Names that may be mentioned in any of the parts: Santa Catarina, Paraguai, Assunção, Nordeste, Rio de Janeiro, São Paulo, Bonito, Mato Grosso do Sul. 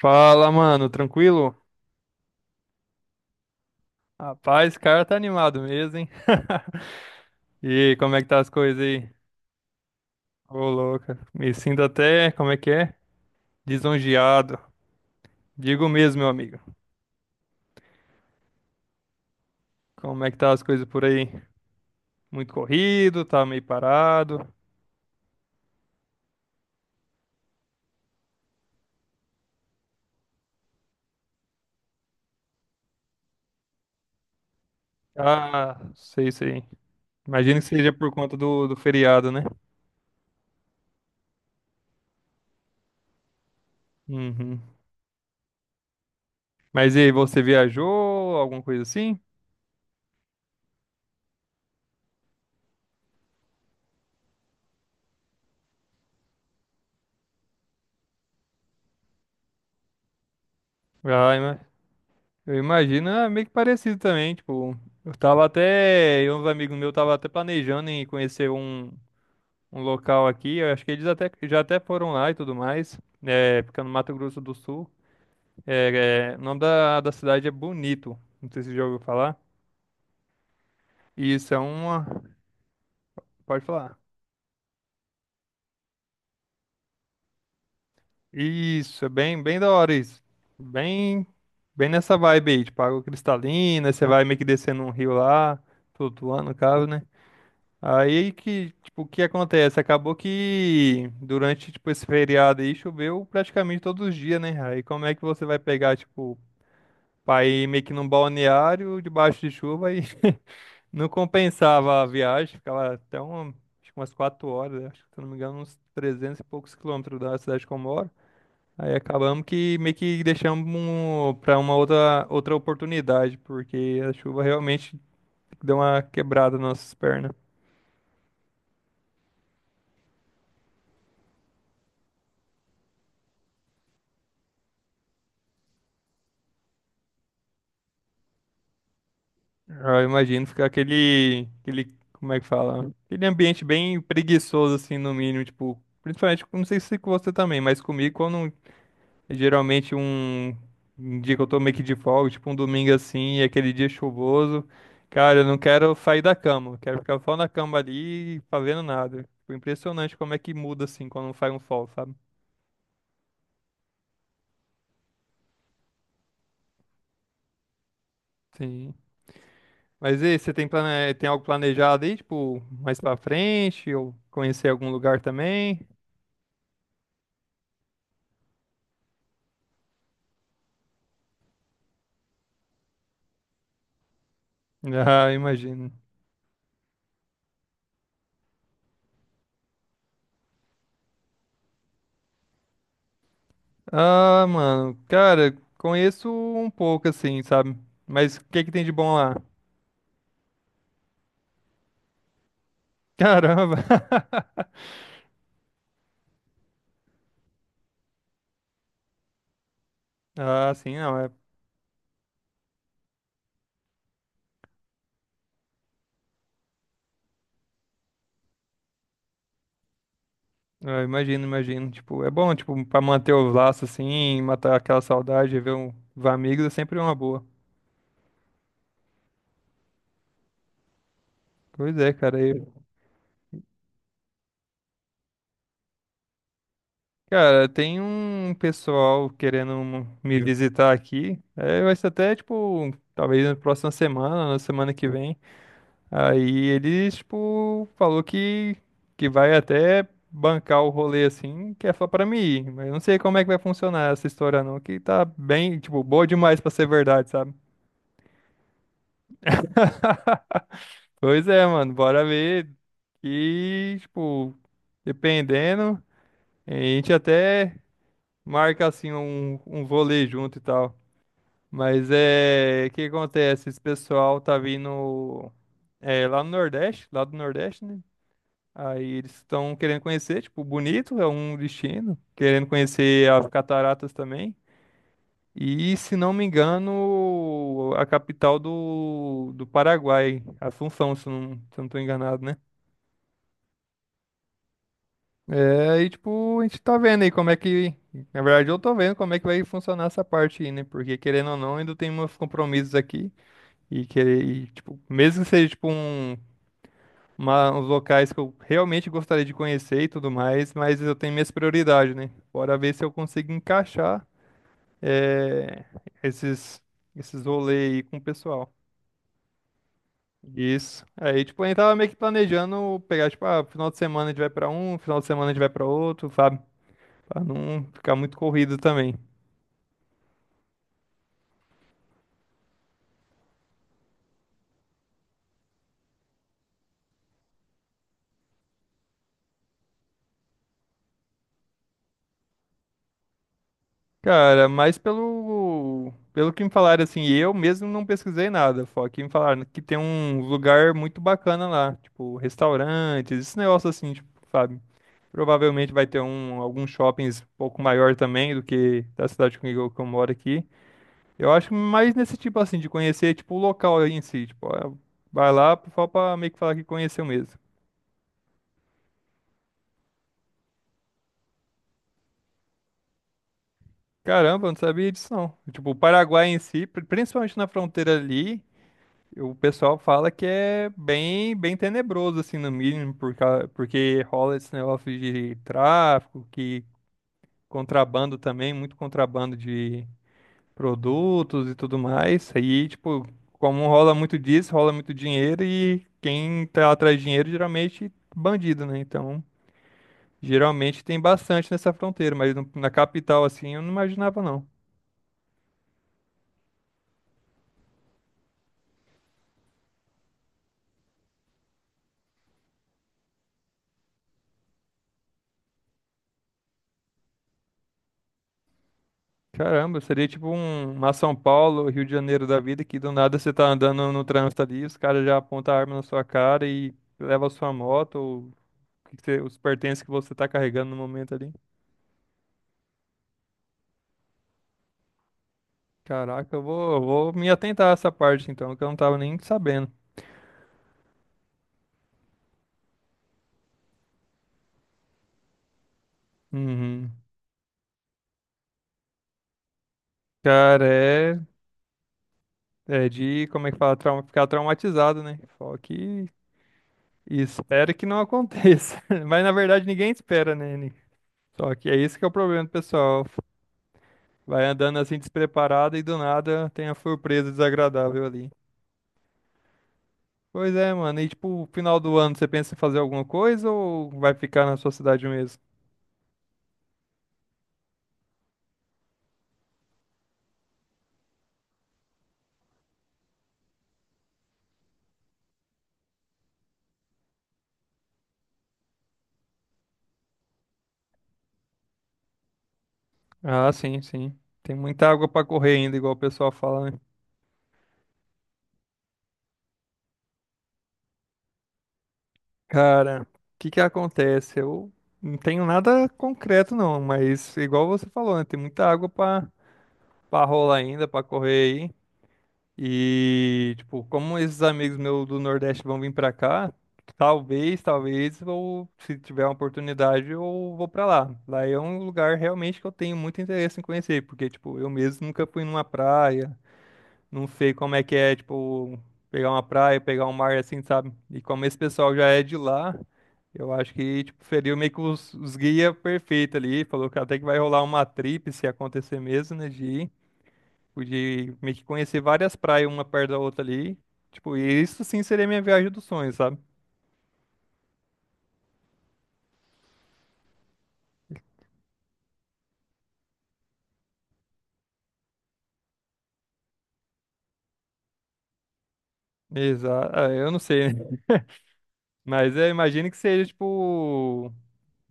Fala, mano, tranquilo? Rapaz, o cara tá animado mesmo, hein? E como é que tá as coisas aí? Ô, louca, me sinto até, como é que é? Lisonjeado. Digo mesmo, meu amigo. Como é que tá as coisas por aí? Muito corrido, tá meio parado. Ah, sei, sei. Imagino que seja por conta do feriado, né? Uhum. Mas e aí, você viajou, alguma coisa assim? Vai, né? Eu imagino, é meio que parecido também, tipo, eu tava até, eu e uns amigos meus tava até planejando em conhecer um, um local aqui, eu acho que eles até, já até foram lá e tudo mais, é, fica no Mato Grosso do Sul, é, é, o nome da cidade é Bonito, não sei se você já ouviu falar, e isso é uma, pode falar, isso, é bem, bem da hora isso, bem, bem nessa vibe aí, tipo, água cristalina, você vai meio que descendo um rio lá, flutuando no caso, né? Aí que, tipo, o que acontece? Acabou que durante, tipo, esse feriado aí choveu praticamente todos os dias, né? Aí como é que você vai pegar, tipo, pra ir meio que num balneário debaixo de chuva e não compensava a viagem, ficava até uma, acho que umas quatro horas, né? Acho que, se eu não me engano, uns 300 e poucos quilômetros da cidade que eu moro. Aí acabamos que meio que deixamos um, pra uma outra, outra oportunidade, porque a chuva realmente deu uma quebrada nas nossas pernas. Eu imagino ficar aquele, aquele, como é que fala? Aquele ambiente bem preguiçoso, assim, no mínimo, tipo, principalmente, não sei se com você também, mas comigo, quando é geralmente um, um dia que eu tô meio que de folga, tipo um domingo assim, e aquele dia chuvoso, cara, eu não quero sair da cama, eu quero ficar só na cama ali, fazendo nada. Tipo, impressionante como é que muda, assim, quando faz um sol, sabe? Sim. Mas e aí, você tem, plane... tem algo planejado aí, tipo, mais pra frente, ou conhecer algum lugar também? Ah, imagino. Ah, mano, cara, conheço um pouco assim, sabe? Mas o que que tem de bom lá? Caramba! Ah, sim, não, é. Eu imagino, imagino. Tipo, é bom, tipo, pra manter os laços assim, matar aquela saudade, ver um, ver amigos é sempre uma boa. Pois é, cara. E, cara, tem um pessoal querendo um, me visitar aqui. É, vai ser até, tipo, talvez na próxima semana, na semana que vem. Aí ele, tipo, falou que vai até bancar o rolê assim, que é só pra mim ir. Mas eu não sei como é que vai funcionar essa história não, que tá bem, tipo, boa demais pra ser verdade, sabe? Pois é, mano, bora ver. E, tipo, dependendo, a gente até marca assim um, um vôlei junto e tal. Mas é, o que acontece? Esse pessoal tá vindo é, lá no Nordeste, lá do Nordeste, né? Aí eles estão querendo conhecer, tipo, bonito é um destino, querendo conhecer as cataratas também. E, se não me engano, a capital do Paraguai, Assunção, se eu não, se eu não tô enganado, né? É, e tipo, a gente tá vendo aí como é que, na verdade eu tô vendo como é que vai funcionar essa parte aí, né? Porque querendo ou não, ainda tem meus compromissos aqui e querer, e, tipo, mesmo que seja tipo um uns locais que eu realmente gostaria de conhecer e tudo mais, mas eu tenho minhas prioridades, né? Bora ver se eu consigo encaixar eh, esses, esses rolês aí com o pessoal. Isso. Aí, tipo, a gente tava meio que planejando pegar, tipo, ah, final de semana a gente vai pra um, final de semana a gente vai pra outro, sabe? Pra não ficar muito corrido também. Cara, mas pelo que me falaram, assim, eu mesmo não pesquisei nada, só que me falaram que tem um lugar muito bacana lá, tipo, restaurantes, esse negócio assim, tipo, sabe? Provavelmente vai ter um, alguns shoppings um pouco maior também do que da cidade comigo que eu moro aqui. Eu acho mais nesse tipo, assim, de conhecer, tipo, o local em si, tipo, ó, vai lá só pra meio que falar que conheceu mesmo. Caramba, eu não sabia disso não. Tipo, o Paraguai em si, principalmente na fronteira ali, o pessoal fala que é bem, bem tenebroso, assim, no mínimo, porque rola esse negócio de tráfico, que contrabando também, muito contrabando de produtos e tudo mais. Aí, tipo, como rola muito disso, rola muito dinheiro e quem tá atrás de dinheiro geralmente bandido, né? Então, geralmente tem bastante nessa fronteira, mas na capital, assim, eu não imaginava, não. Caramba, seria tipo um, uma São Paulo, Rio de Janeiro da vida, que do nada você tá andando no trânsito ali, os caras já apontam a arma na sua cara e levam a sua moto, ou o os pertences que você tá carregando no momento ali. Caraca, eu vou me atentar a essa parte então, que eu não tava nem sabendo. Uhum. Cara, é, é de, como é que fala, trauma, ficar traumatizado, né? Só que espera que não aconteça. Mas na verdade ninguém espera, né? Nick? Só que é isso que é o problema, do pessoal. Vai andando assim despreparada e do nada tem a surpresa desagradável ali. Pois é, mano. E tipo, final do ano você pensa em fazer alguma coisa ou vai ficar na sua cidade mesmo? Ah, sim, sim. Tem muita água pra correr ainda, igual o pessoal fala, né? Cara, o que que acontece? Eu não tenho nada concreto não, mas igual você falou, né? Tem muita água pra para rolar ainda, pra correr. E, tipo, como esses amigos meus do Nordeste vão vir pra cá, talvez, talvez, ou se tiver uma oportunidade, eu vou pra lá. Lá é um lugar realmente que eu tenho muito interesse em conhecer, porque, tipo, eu mesmo nunca fui numa praia, não sei como é que é, tipo, pegar uma praia, pegar um mar assim, sabe? E como esse pessoal já é de lá, eu acho que, tipo, feriu meio que os guia perfeito ali, falou que até que vai rolar uma trip se acontecer mesmo, né, de ir. Pude meio que conhecer várias praias uma perto da outra ali. Tipo, e isso sim seria minha viagem dos sonhos, sabe? Exato. Eu não sei, né? Mas eu imagino que seja, tipo,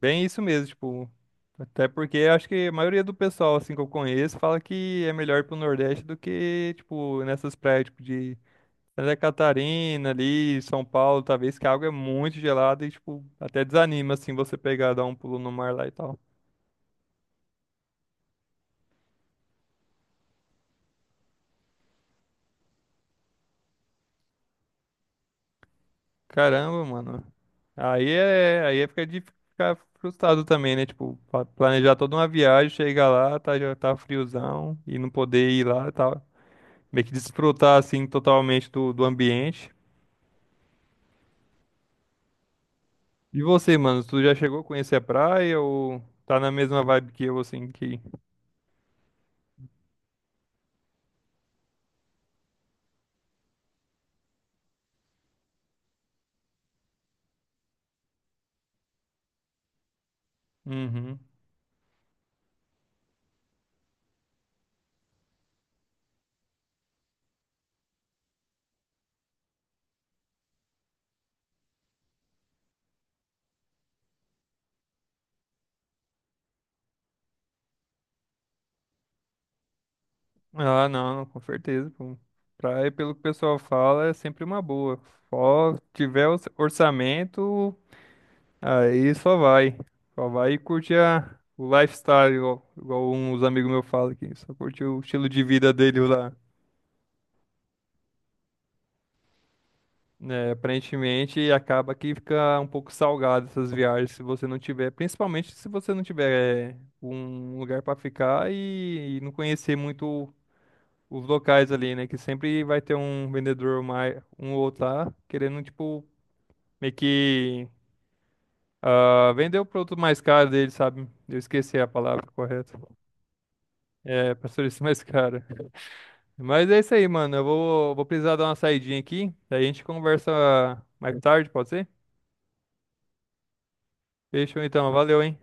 bem isso mesmo, tipo. Até porque eu acho que a maioria do pessoal, assim, que eu conheço, fala que é melhor ir pro Nordeste do que, tipo, nessas praias, tipo, de Santa Catarina ali, São Paulo, talvez, que a água é muito gelada e, tipo, até desanima, assim, você pegar, dar um pulo no mar lá e tal. Caramba, mano. Aí é fica de ficar frustrado também, né? Tipo, planejar toda uma viagem, chegar lá, tá, já tá friozão e não poder ir lá, tá? Meio que desfrutar assim totalmente do ambiente. E você, mano, tu já chegou a conhecer a praia ou tá na mesma vibe que eu, assim, que... Uhum. Ah, não, com certeza, pô. Praia, pelo que o pessoal fala, é sempre uma boa. Só tiver orçamento, aí só vai. Só vai e curte a, o lifestyle, igual, igual uns amigos meus falam aqui. Só curte o estilo de vida dele lá. Né? Aparentemente, acaba que fica um pouco salgado essas viagens se você não tiver, principalmente se você não tiver é, um lugar para ficar e não conhecer muito os locais ali, né? Que sempre vai ter um vendedor mais, um ou outro lá, querendo, tipo, meio que ah, vender o produto mais caro dele, sabe? Eu esqueci a palavra correta. É, pastor, isso é mais caro. Mas é isso aí, mano. Eu vou, vou precisar dar uma saidinha aqui. Daí a gente conversa mais tarde, pode ser? Fechou então. Valeu, hein?